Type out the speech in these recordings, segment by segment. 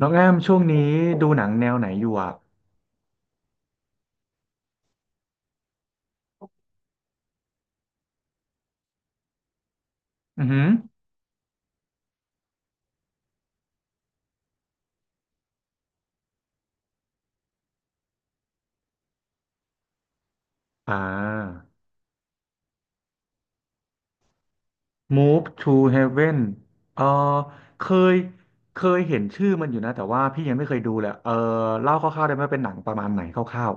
น้องแอมช่วงนี้ดูหนังแนวไหนอยู่อ่ะอือหืออ่า Move to Heaven เออเคยเคยเห็นชื่อมันอยู่นะแต่ว่าพี่ยังไม่เคยดูเลยเออเล่าคร่าวๆได้ไหมเป็นหนังประมาณไหนคร่าว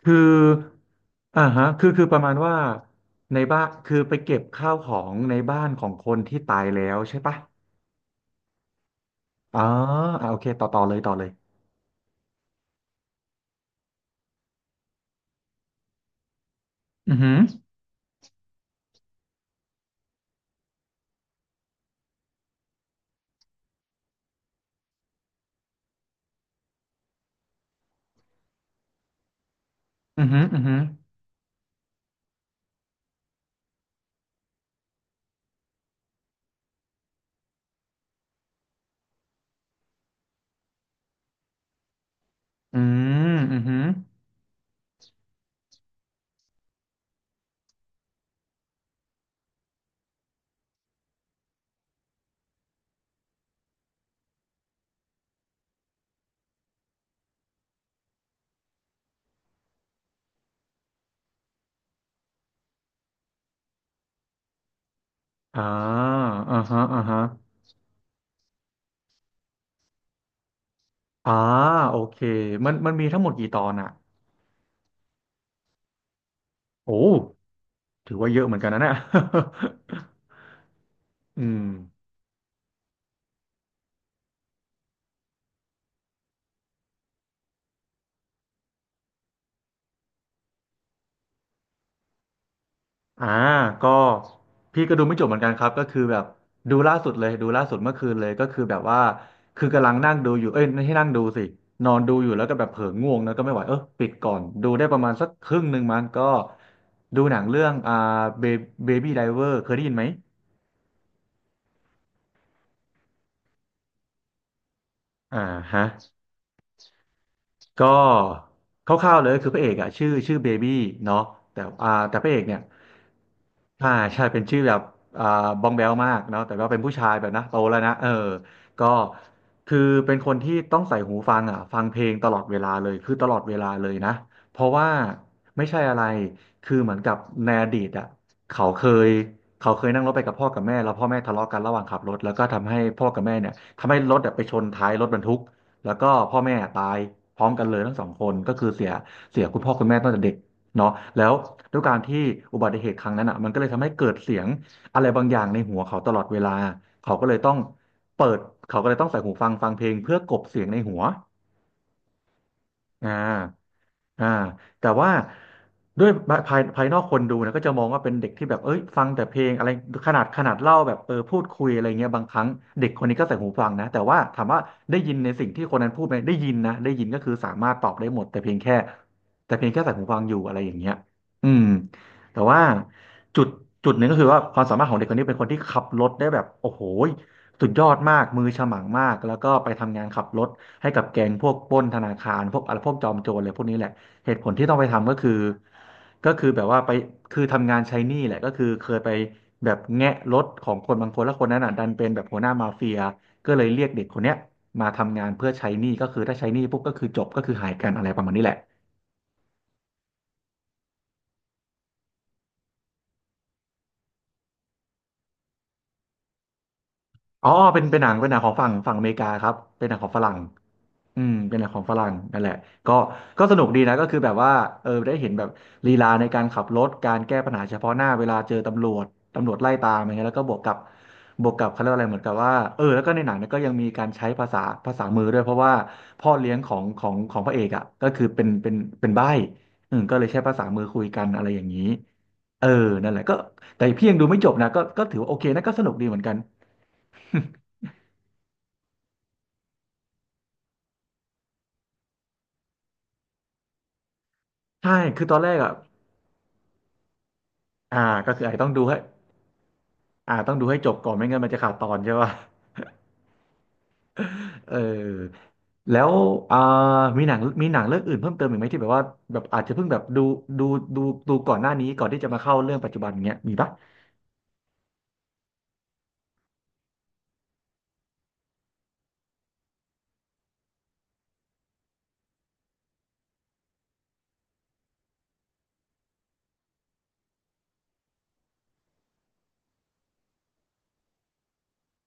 ๆอ่าฮะคือประมาณว่าในบ้านคือไปเก็บข้าวของในบ้านของคนที่ตายแล้วใช่ปะอ๋ออ่าโอเคต่อเลยต่อเลยอือหืออือหืออือหืออืมอือหืออ่าอ่าฮะอ่าฮะ อ่าโอเคมันมีทั้งหมดกี่ตอนอ่ะโอ้ถือว่าเยอะเหมือนกันนะเนี่ย อืมอ่าก็พี่ก็ดูไม่จบเหมือนกันครับก็คือแบบดูล่าสุดเลยดูล่าสุดเมื่อคืนเลยก็คือแบบว่าคือกำลังนั่งดูอยู่เอ้ยไม่ใช่นั่งดูสินอนดูอยู่แล้วก็แบบเผลอง่วงแล้วก็ไม่ไหวเออปิดก่อนดูได้ประมาณสักครึ่งหนึ่งมันก็ดูหนังเรื่องเบบี้ไดเวอร์เคยได้ยินไหมอ่าฮะ ก็คร่าวๆเลยคือพระเอกอะชื่อเบบี้เนาะแต่แต่พระเอกเนี่ยอ่าใช่เป็นชื่อแบบอ่าบองแบลมากเนาะแต่ว่าเป็นผู้ชายแบบนะโตแล้วนะเออก็คือเป็นคนที่ต้องใส่หูฟังอ่ะฟังเพลงตลอดเวลาเลยคือตลอดเวลาเลยนะเพราะว่าไม่ใช่อะไรคือเหมือนกับในอดีตอ่ะเขาเคยเขาเคยนั่งรถไปกับพ่อกับแม่แล้วพ่อแม่ทะเลาะกันระหว่างขับรถแล้วก็ทำให้พ่อกับแม่เนี่ยทำให้รถอะไปชนท้ายรถบรรทุก แล้วก็พ่อแม่ตายพร้อมกันเลยทั้งสองคนก็คือเสียเสียคุณพ่อคุณแม่ตั้งแต่เด็กเนาะแล้วด้วยการที่อุบัติเหตุครั้งนั้นอ่ะมันก็เลยทำให้เกิดเสียงอะไรบางอย่างในหัวเขาตลอดเวลาเขาก็เลยต้องเปิดเขาก็เลยต้องใส่หูฟังฟังเพลงเพื่อกลบเสียงในหัวอ่า อ่าแต่ว่าด้วยภายนอกคนดูนะก็จะมองว่าเป็นเด็กที่แบบเอ้ยฟังแต่เพลงอะไรขนาดเล่าแบบเออพูดคุยอะไรเงี้ยบางครั้งเด็กคนนี้ก็ใส่หูฟังนะแต่ว่าถามว่าได้ยินในสิ่งที่คนนั้นพูดไหมได้ยินนะได้ยินก็คือสามารถตอบได้หมดแต่เพียงแค่ใส่หูฟังอยู่อะไรอย่างเงี้ยอืมแต่ว่าจุดจุดหนึ่งก็คือว่าความสามารถของเด็กคนนี้เป็นคนที่ขับรถได้แบบโอ้โหสุดยอดมากมือฉมังมากแล้วก็ไปทำงานขับรถให้กับแก๊งพวกปล้นธนาคารพวกอะไรพวกจอมโจรอะไรพวกนี้แหละ เหตุผลที่ต้องไปทำก็คือก็คือแบบว่าไปคือทำงานใช้หนี้แหละก็คือเคยไปแบบแงะรถของคนบางคนแล้วคนนั้นอ่ะดันเป็นแบบหัวหน้ามาเฟียก็เลยเรียกเด็กคนเนี้ยมาทำงานเพื่อใช้หนี้ก็คือถ้าใช้หนี้ปุ๊บก็คือจบก็คือหายกันอะไรประมาณนี้แหละ อ๋อเป็นหนังของฝั่งอเมริกาครับเป็นหนังของฝรั่งอืมเป็นหนังของฝรั่งนั่นแหละก็ก็สนุกดีนะก็คือแบบว่าเออได้เห็นแบบลีลาในการขับรถการแก้ปัญหาเฉพาะหน้าเวลาเจอตำรวจตำรวจไล่ตามอะไรเงี้ยแล้วก็บวกกับเขาเรียกว่าอะไรเหมือนกับว่าเออแล้วก็ในหนังเนี่ยก็ยังมีการใช้ภาษาภาษามือด้วยเพราะว่าพ่อเลี้ยงของพระเอกอ่ะก็คือเป็นเป็นใบ้อืมก็เลยใช้ภาษามือคุยกันอะไรอย่างนี้เออนั่นแหละก็แต่พี่ยังดูไม่จบนะก็ก็ถือว่าโอเคนะก็สนุกดีเหมือนกัน ใช่คือตอนแรกอ่ะอ่าก็คืออาจจะต้องดูให้อ่าต้องดูให้จบก่อนไม่งั้นมันจะขาดตอนใช่ป่ะ เออแล้วอ่ามีหนังเรื่องอื่นเพิ่มเติมอีกไหมที่แบบว่าแบบอาจจะเพิ่งแบบดูดูดูก่อนหน้านี้ก่อนที่จะมาเข้าเรื่องปัจจุบันเงี้ยมีปะ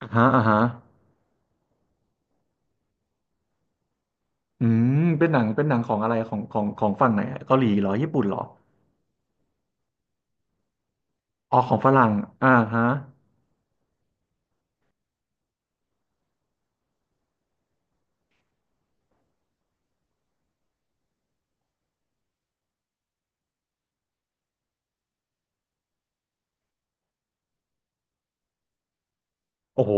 อ่าฮะอ่าฮะอืมเป็นหนังของอะไรของฝั่งไหนอะเกาหลีเหรอญี่ปุ่นเหรออ๋อของฝรั่งอ่าฮะโอ้โห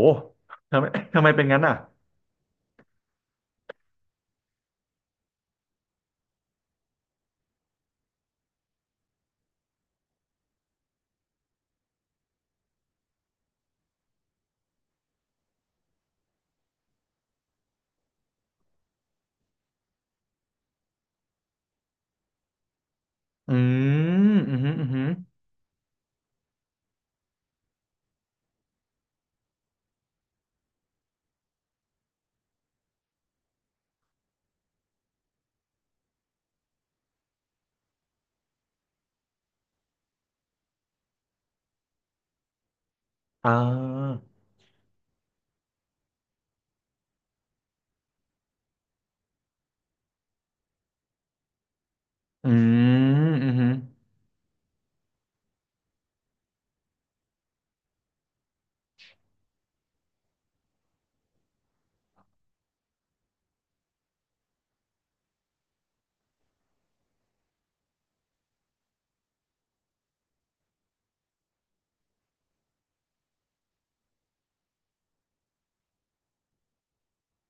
ทำไม ทำไมเป็นงั้นอ่ะอืมอืมอหืมออืมอหืออ่าอืมอืม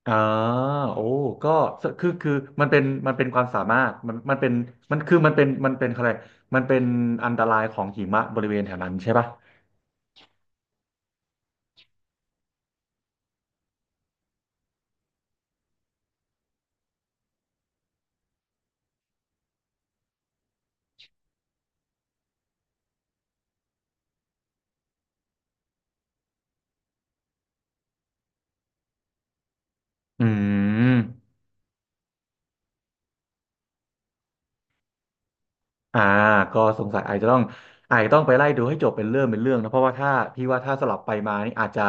อ่าโอ้ก็คือมันเป็นความสามารถมันเป็นมันคือมันเป็นอะไรมันเป็นอันตรายของหิมะบริเวณแถวนั้นใช่ปะอืมอ่าก็สงสัยอาจจะต้องไปไล่ดูให้จบเป็นเรื่องเป็นเรื่องนะเพราะว่าถ้าพี่ว่าถ้าสลับไปมานี่อาจจะ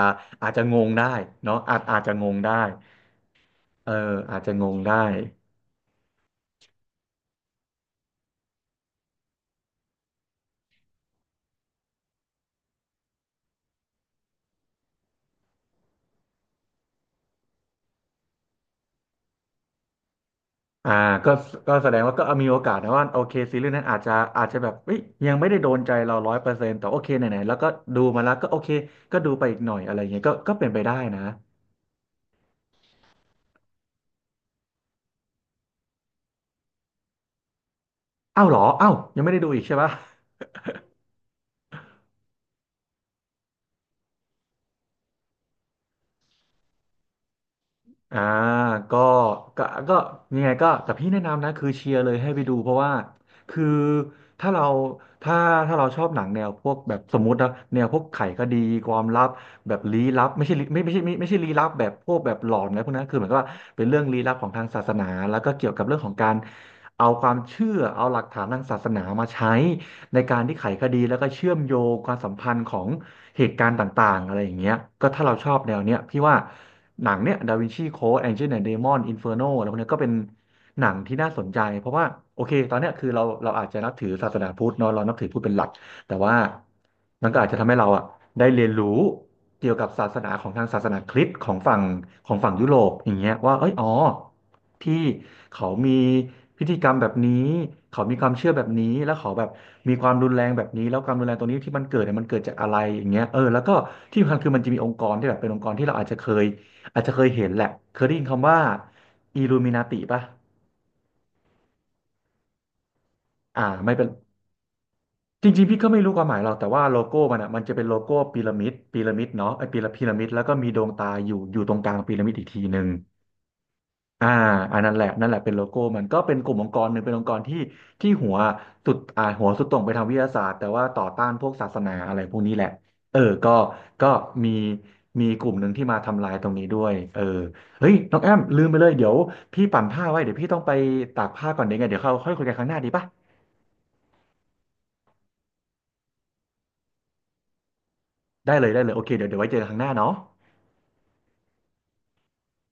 อาจจะงงได้เนาะอาจจะงงได้เอออาจจะงงได้ อ่าก็ก็แสดงว่าก็มีโอกาสนะว่าโอเคซีรีส์นั้นอาจจะแบบเอ้ยยังไม่ได้โดนใจเรา100%แต่โอเคไหนๆแล้วก็ดูมาแล้วก็โอเคก็ดูไปอีกหน่อยอะไรเงี้ยก็เป็นไปได้นะอ้าวเหรออ้าวยังไม่ได้ดูอีกใช่ปะ อ่าก็ก็ยังไงก็แต่พี่แนะนำนะคือเชียร์เลยให้ไปดูเพราะว่าคือถ้าเราถ้าถ้าเราชอบหนังแนวพวกแบบสมมตินะแนวพวกไขคดีความลับแบบลี้ลับไม่ใช่ลี้ไม่ไม่ใช่ไม่ไม่ใช่ลี้ลับแบบพวกแบบหลอนนะไรพวกนั้นคือเหมือนกับว่าเป็นเรื่องลี้ลับของทางศาสนาแล้วก็เกี่ยวกับเรื่องของการเอาความเชื่อเอาหลักฐานทางศาสนามาใช้ในการที่ไขคดีแล้วก็เชื่อมโยงความสัมพันธ์ของ เหตุการณ์ต่างๆอะไรอย่างเงี้ยก็ถ้าเราชอบแนวเนี้ยพี่ว่าหนังเนี้ยดาวินชีโค้ดแองเจิลแอนด์เดมอนอินเฟอร์โนอะไรพวกเนี้ยก็เป็นหนังที่น่าสนใจเพราะว่าโอเคตอนเนี้ยคือเราเราอาจจะนับถือศาสนาพุทธเนาะเรานับถือพุทธเป็นหลัก แต่ว่ามันก็อาจจะทำให้เราอ่ะได้เรียนรู้เกี่ยวกับศาสนาของทางศาสนาคริสต์ของฝั่งยุโรปอย่างเงี้ยว่าเอ้ยอ๋อที่เขามีพิธีกรรมแบบนี้เขามีความเชื่อแบบนี้แล้วเขาแบบมีความรุนแรงแบบนี้แล้วความรุนแรงตรงนี้ที่มันเกิดเนี่ยมันเกิดจากอะไรอย่างเงี้ยเออแล้วก็ที่สำคัญคือมันจะมีองค์กรที่แบบเป็นองค์กรที่เราอาจจะเคยเห็นแหละเคยได้ยินคำว่าอ l l u มิ n า t ิป่ะอ่าไม่เป็น จริงๆพี่ก็ไม่รู้ความหมายหรอกแต่ว่าโลโก้มันอ่ะมันจะเป็นโลโก้พีระมิดเนาะไอ้พีระมิดแล้วก็มีดวงตาอยู่ตรงกลางพีระมิดอีกทีหนึ่งอ่าอันนั้นแหละนั่นแหละเป็นโลโก้มันก็เป็นกลุ่มองค์กรหนึ่งเป็นองค์กรที่ที่หัวสุดตรงไปทางวิทยาศาสตร์แต่ว่าต่อต้านพวกศาสนาอะไรพวกนี้แหละเออก็มีมีกลุ่มหนึ่งที่มาทำลายตรงนี้ด้วยเออเฮ้ยน้องแอมลืมไปเลยเดี๋ยวพี่ปั่นผ้าไว้เดี๋ยวพี่ต้องไปตากผ้าก่อนเดี๋ยวไงเดี๋ยวเขาค่อยคุยกันครั้งหน้าดีป่ะได้เลยได้เลยโอเคเดี๋ยวเดี๋ยวไว้เจอกันครั้งหน้าเนาะ